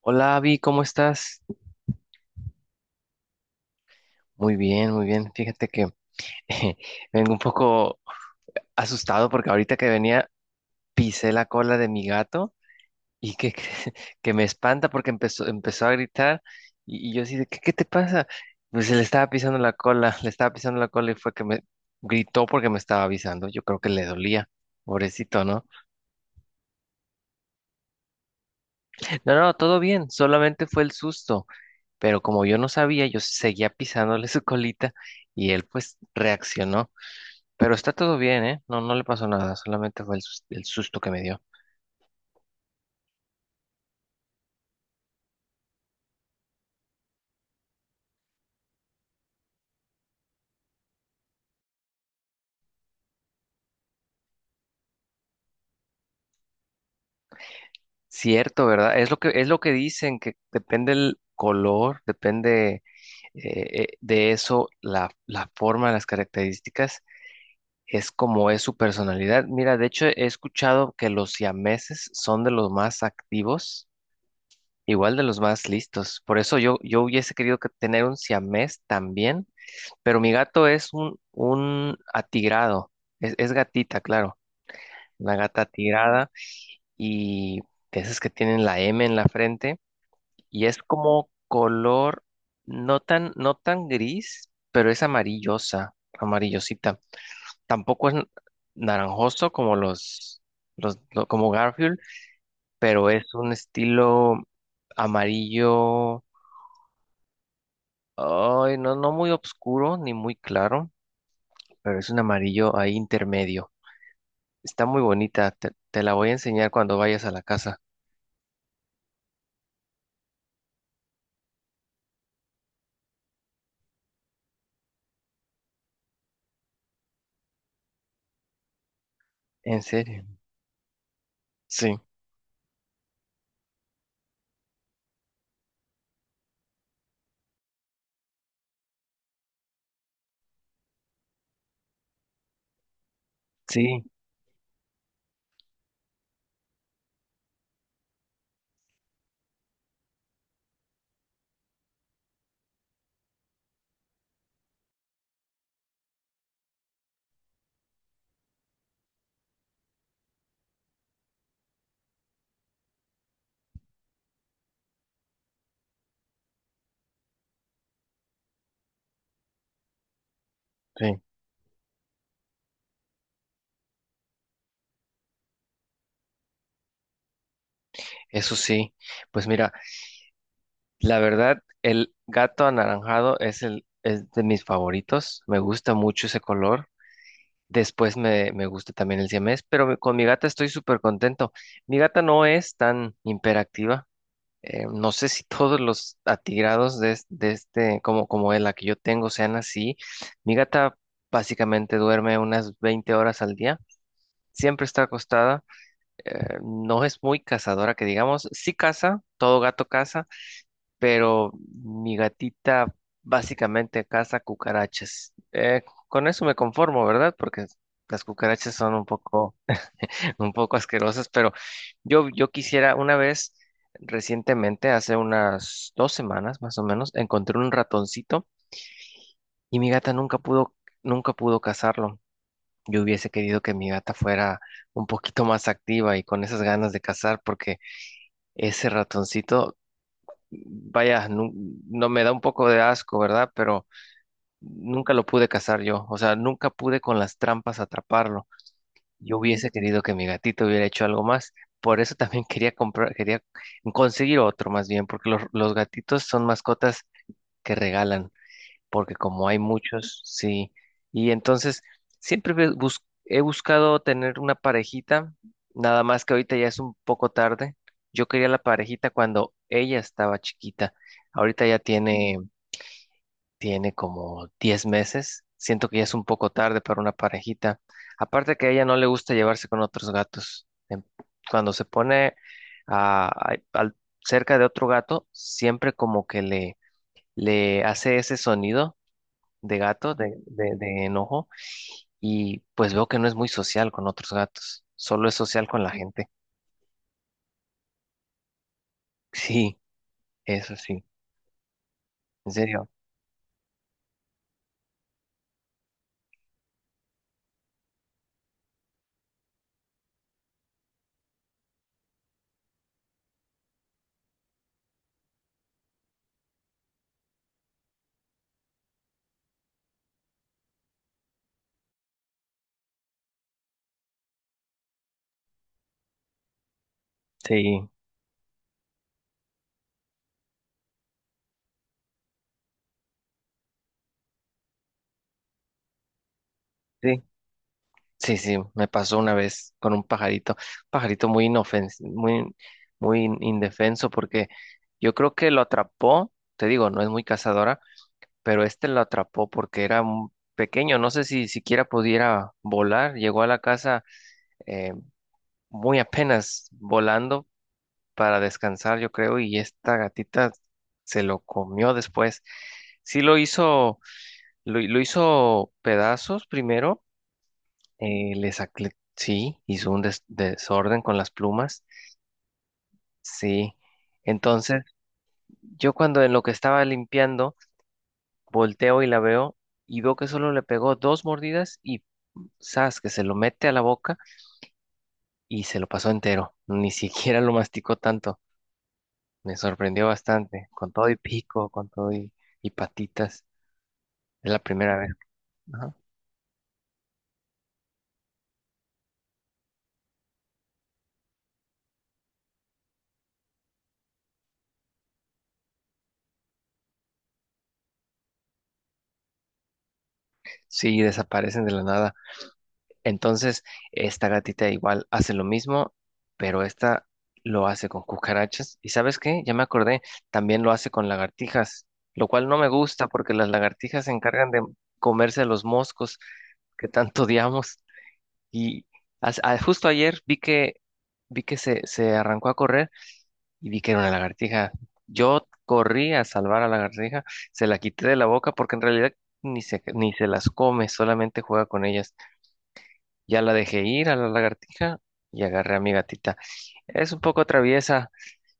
Hola, Avi, ¿cómo estás? Muy bien, muy bien. Fíjate que vengo un poco asustado porque ahorita que venía pisé la cola de mi gato y que me espanta porque empezó a gritar y yo así de, ¿qué te pasa? Pues le estaba pisando la cola, le estaba pisando la cola y fue que me gritó porque me estaba avisando. Yo creo que le dolía. Pobrecito, ¿no? No, no, todo bien, solamente fue el susto, pero como yo no sabía, yo seguía pisándole su colita y él pues reaccionó. Pero está todo bien, ¿eh? No, no le pasó nada, solamente fue el susto que me dio. Cierto, ¿verdad? Es lo que dicen, que depende el color, depende de eso, la forma, las características, es como es su personalidad. Mira, de hecho he escuchado que los siameses son de los más activos, igual de los más listos. Por eso yo hubiese querido que tener un siamés también. Pero mi gato es un atigrado. Es gatita, claro. Una gata atigrada y de esas que tienen la M en la frente. Y es como color no tan, no tan gris, pero es amarillosa, amarillosita. Tampoco es naranjoso como como Garfield, pero es un estilo amarillo, ay, no, no muy oscuro ni muy claro, pero es un amarillo ahí intermedio. Está muy bonita, te la voy a enseñar cuando vayas a la casa. ¿En serio? Sí, sí, sí, eso sí. Pues mira, la verdad, el gato anaranjado es de mis favoritos. Me gusta mucho ese color. Después me gusta también el siamés, pero con mi gata estoy súper contento. Mi gata no es tan hiperactiva. No sé si todos los atigrados de este, como la que yo tengo, sean así. Mi gata básicamente duerme unas 20 horas al día. Siempre está acostada. Eh, no es muy cazadora, que digamos, sí caza, todo gato caza, pero mi gatita básicamente caza cucarachas. Con eso me conformo, ¿verdad? Porque las cucarachas son un poco, un poco asquerosas, pero yo quisiera una vez, recientemente, hace unas 2 semanas más o menos, encontré un ratoncito y mi gata nunca pudo cazarlo. Yo hubiese querido que mi gata fuera un poquito más activa y con esas ganas de cazar, porque ese ratoncito, vaya, no, me da un poco de asco, ¿verdad? Pero nunca lo pude cazar yo, o sea, nunca pude con las trampas atraparlo. Yo hubiese querido que mi gatito hubiera hecho algo más. Por eso también quería comprar, quería conseguir otro más bien, porque los gatitos son mascotas que regalan porque como hay muchos, sí. Y entonces siempre he buscado tener una parejita, nada más que ahorita ya es un poco tarde. Yo quería la parejita cuando ella estaba chiquita. Ahorita ya tiene como 10 meses. Siento que ya es un poco tarde para una parejita. Aparte que a ella no le gusta llevarse con otros gatos. Cuando se pone a- a- al- cerca de otro gato, siempre como que le hace ese sonido de gato, de enojo, y pues veo que no es muy social con otros gatos, solo es social con la gente. Sí, eso sí, en serio. Sí, sí, sí, sí, me pasó una vez con un pajarito, pajarito muy indefenso, porque yo creo que lo atrapó, te digo, no es muy cazadora, pero este lo atrapó porque era un pequeño, no sé si siquiera pudiera volar, llegó a la casa eh, muy apenas volando para descansar, yo creo, y esta gatita se lo comió después. Sí lo hizo, lo hizo pedazos primero, sí, hizo un desorden con las plumas, sí. Entonces, yo cuando en lo que estaba limpiando, volteo y la veo y veo que solo le pegó dos mordidas y zas, que se lo mete a la boca y se lo pasó entero, ni siquiera lo masticó tanto. Me sorprendió bastante, con todo y pico, con todo y patitas. Es la primera vez. Ajá. Sí, desaparecen de la nada. Entonces, esta gatita igual hace lo mismo, pero esta lo hace con cucarachas. ¿Y sabes qué? Ya me acordé, también lo hace con lagartijas, lo cual no me gusta porque las lagartijas se encargan de comerse los moscos que tanto odiamos. Y justo ayer vi que se arrancó a correr y vi que era una lagartija. Yo corrí a salvar a la lagartija, se la quité de la boca porque en realidad ni se las come, solamente juega con ellas. Ya la dejé ir a la lagartija y agarré a mi gatita. Es un poco traviesa,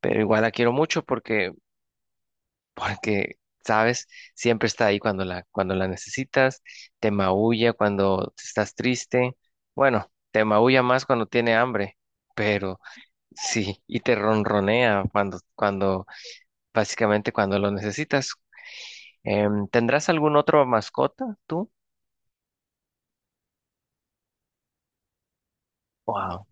pero igual la quiero mucho porque, sabes, siempre está ahí cuando cuando la necesitas, te maulla cuando estás triste. Bueno, te maulla más cuando tiene hambre, pero sí, y te ronronea cuando, cuando básicamente cuando lo necesitas. ¿Tendrás algún otro mascota tú? Wow,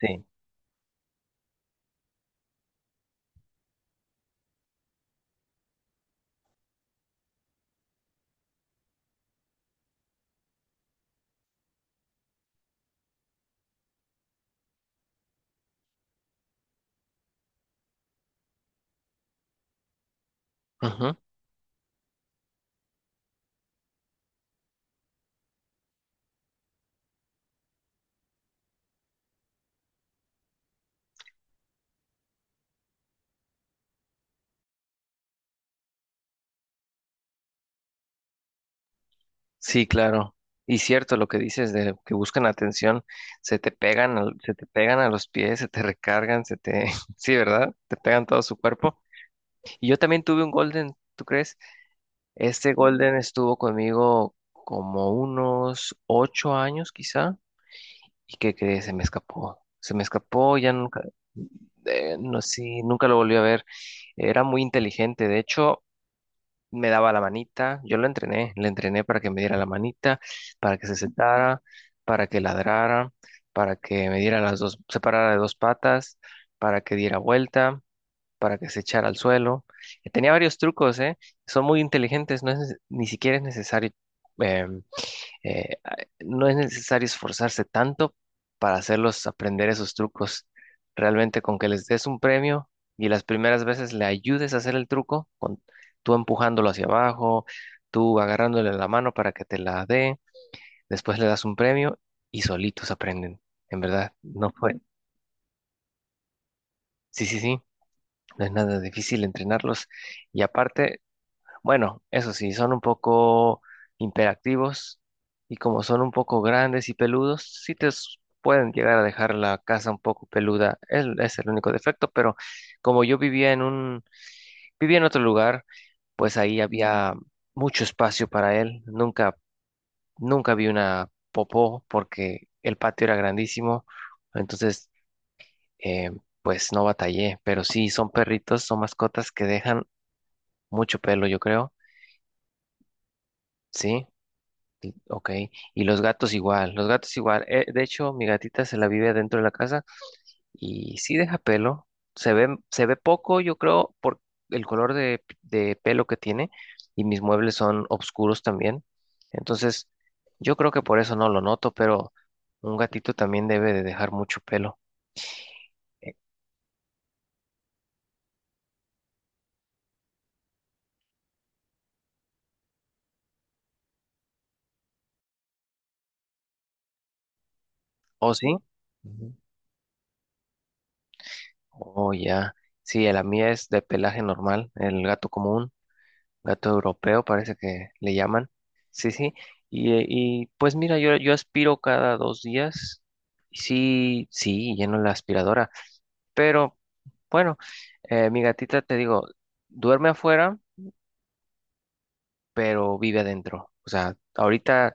sí. Ujú. Sí, claro. Y cierto lo que dices de que buscan atención, se te pegan a los pies, se te recargan, se te, sí, ¿verdad? Te pegan todo su cuerpo. Y yo también tuve un golden, ¿tú crees? Este golden estuvo conmigo como unos 8 años, quizá. ¿Y qué crees? Se me escapó. Se me escapó, ya nunca, no sé, nunca lo volví a ver. Era muy inteligente, de hecho, me daba la manita, yo lo entrené, le entrené para que me diera la manita, para que se sentara, para que ladrara, para que me diera las dos, se parara de dos patas, para que diera vuelta, para que se echara al suelo. Tenía varios trucos, ¿eh? Son muy inteligentes, ni siquiera es necesario. em, eh, no es necesario esforzarse tanto para hacerlos aprender esos trucos. Realmente con que les des un premio y las primeras veces le ayudes a hacer el truco, con tú empujándolo hacia abajo, tú agarrándole la mano para que te la dé, después le das un premio y solitos aprenden. En verdad, no fue. Sí, sí, sí, no es nada difícil entrenarlos. Y aparte, bueno, eso sí, son un poco imperactivos y como son un poco grandes y peludos, sí pueden llegar a dejar la casa un poco peluda. Es el único defecto, pero como yo vivía en otro lugar, pues ahí había mucho espacio para él. Nunca vi una popó porque el patio era grandísimo. Entonces, eh, pues no batallé, pero sí, son perritos, son mascotas que dejan mucho pelo, yo creo. Sí. Ok, y los gatos igual, los gatos igual. De hecho, mi gatita se la vive dentro de la casa y sí deja pelo. Se ve poco, yo creo, por el color de pelo que tiene y mis muebles son oscuros también. Entonces, yo creo que por eso no lo noto, pero un gatito también debe de dejar mucho pelo. Eh, ¿O sí? Ujú. Oh, ya. Sí, la mía es de pelaje normal, el gato común. Gato europeo, parece que le llaman. Sí, sí. Y, pues mira, yo aspiro cada 2 días. Sí, sí, lleno la aspiradora. Pero bueno, mi gatita, te digo, duerme afuera, pero vive adentro. O sea, ahorita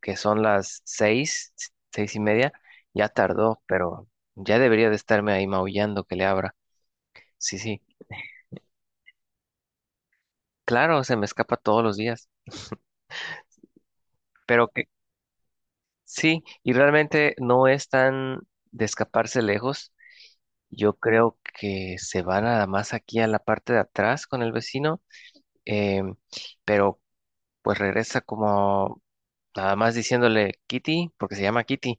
que son las seis, seis y media, ya tardó, pero ya debería de estarme ahí maullando que le abra. Sí, sí. Claro, se me escapa todos los días. Pero que Sí, y realmente no es tan de escaparse lejos. Yo creo que se va nada más aquí a la parte de atrás con el vecino, em, pero pues regresa como nada más diciéndole Kitty, porque se llama Kitty.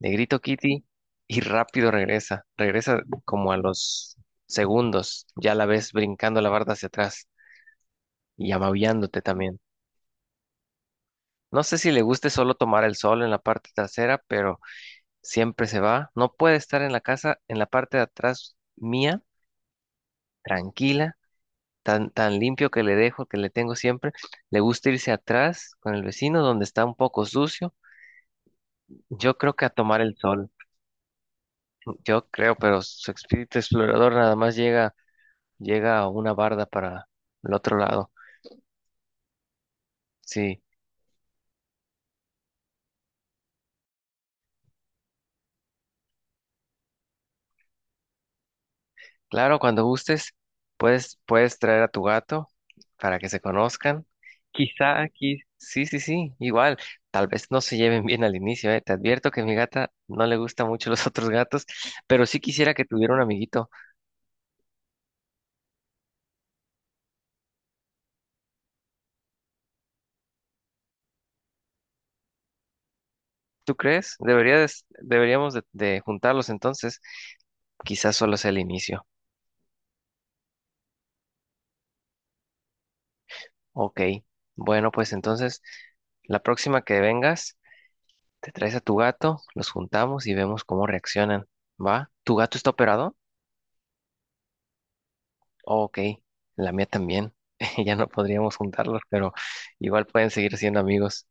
Le grito Kitty y rápido regresa. Regresa como a los segundos. Ya la ves brincando la barda hacia atrás y amabillándote también. No sé si le guste solo tomar el sol en la parte trasera, pero siempre se va. No puede estar en la casa, en la parte de atrás mía, tranquila, tan, tan limpio que le dejo, que le tengo siempre. Le gusta irse atrás con el vecino donde está un poco sucio. Yo creo que a tomar el sol, yo creo, pero su espíritu explorador nada más llega, llega a una barda para el otro lado. Sí, claro, cuando gustes, puedes traer a tu gato para que se conozcan. Quizá aquí, sí, sí, sí, igual. Tal vez no se lleven bien al inicio, ¿eh? Te advierto que a mi gata no le gustan mucho los otros gatos, pero sí quisiera que tuviera un amiguito. ¿Tú crees? Deberíamos de juntarlos entonces. Quizás solo sea el inicio. Ok. Bueno, pues entonces, la próxima que vengas, te traes a tu gato, los juntamos y vemos cómo reaccionan. ¿Va? ¿Tu gato está operado? Oh, ok, la mía también. Ya no podríamos juntarlos, pero igual pueden seguir siendo amigos,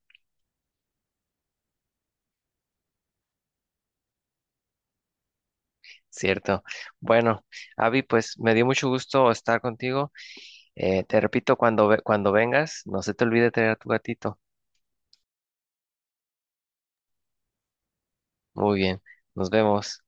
¿cierto? Bueno, Avi, pues me dio mucho gusto estar contigo. Te repito, cuando, cuando vengas, no se te olvide traer a tu gatito. Muy bien, nos vemos.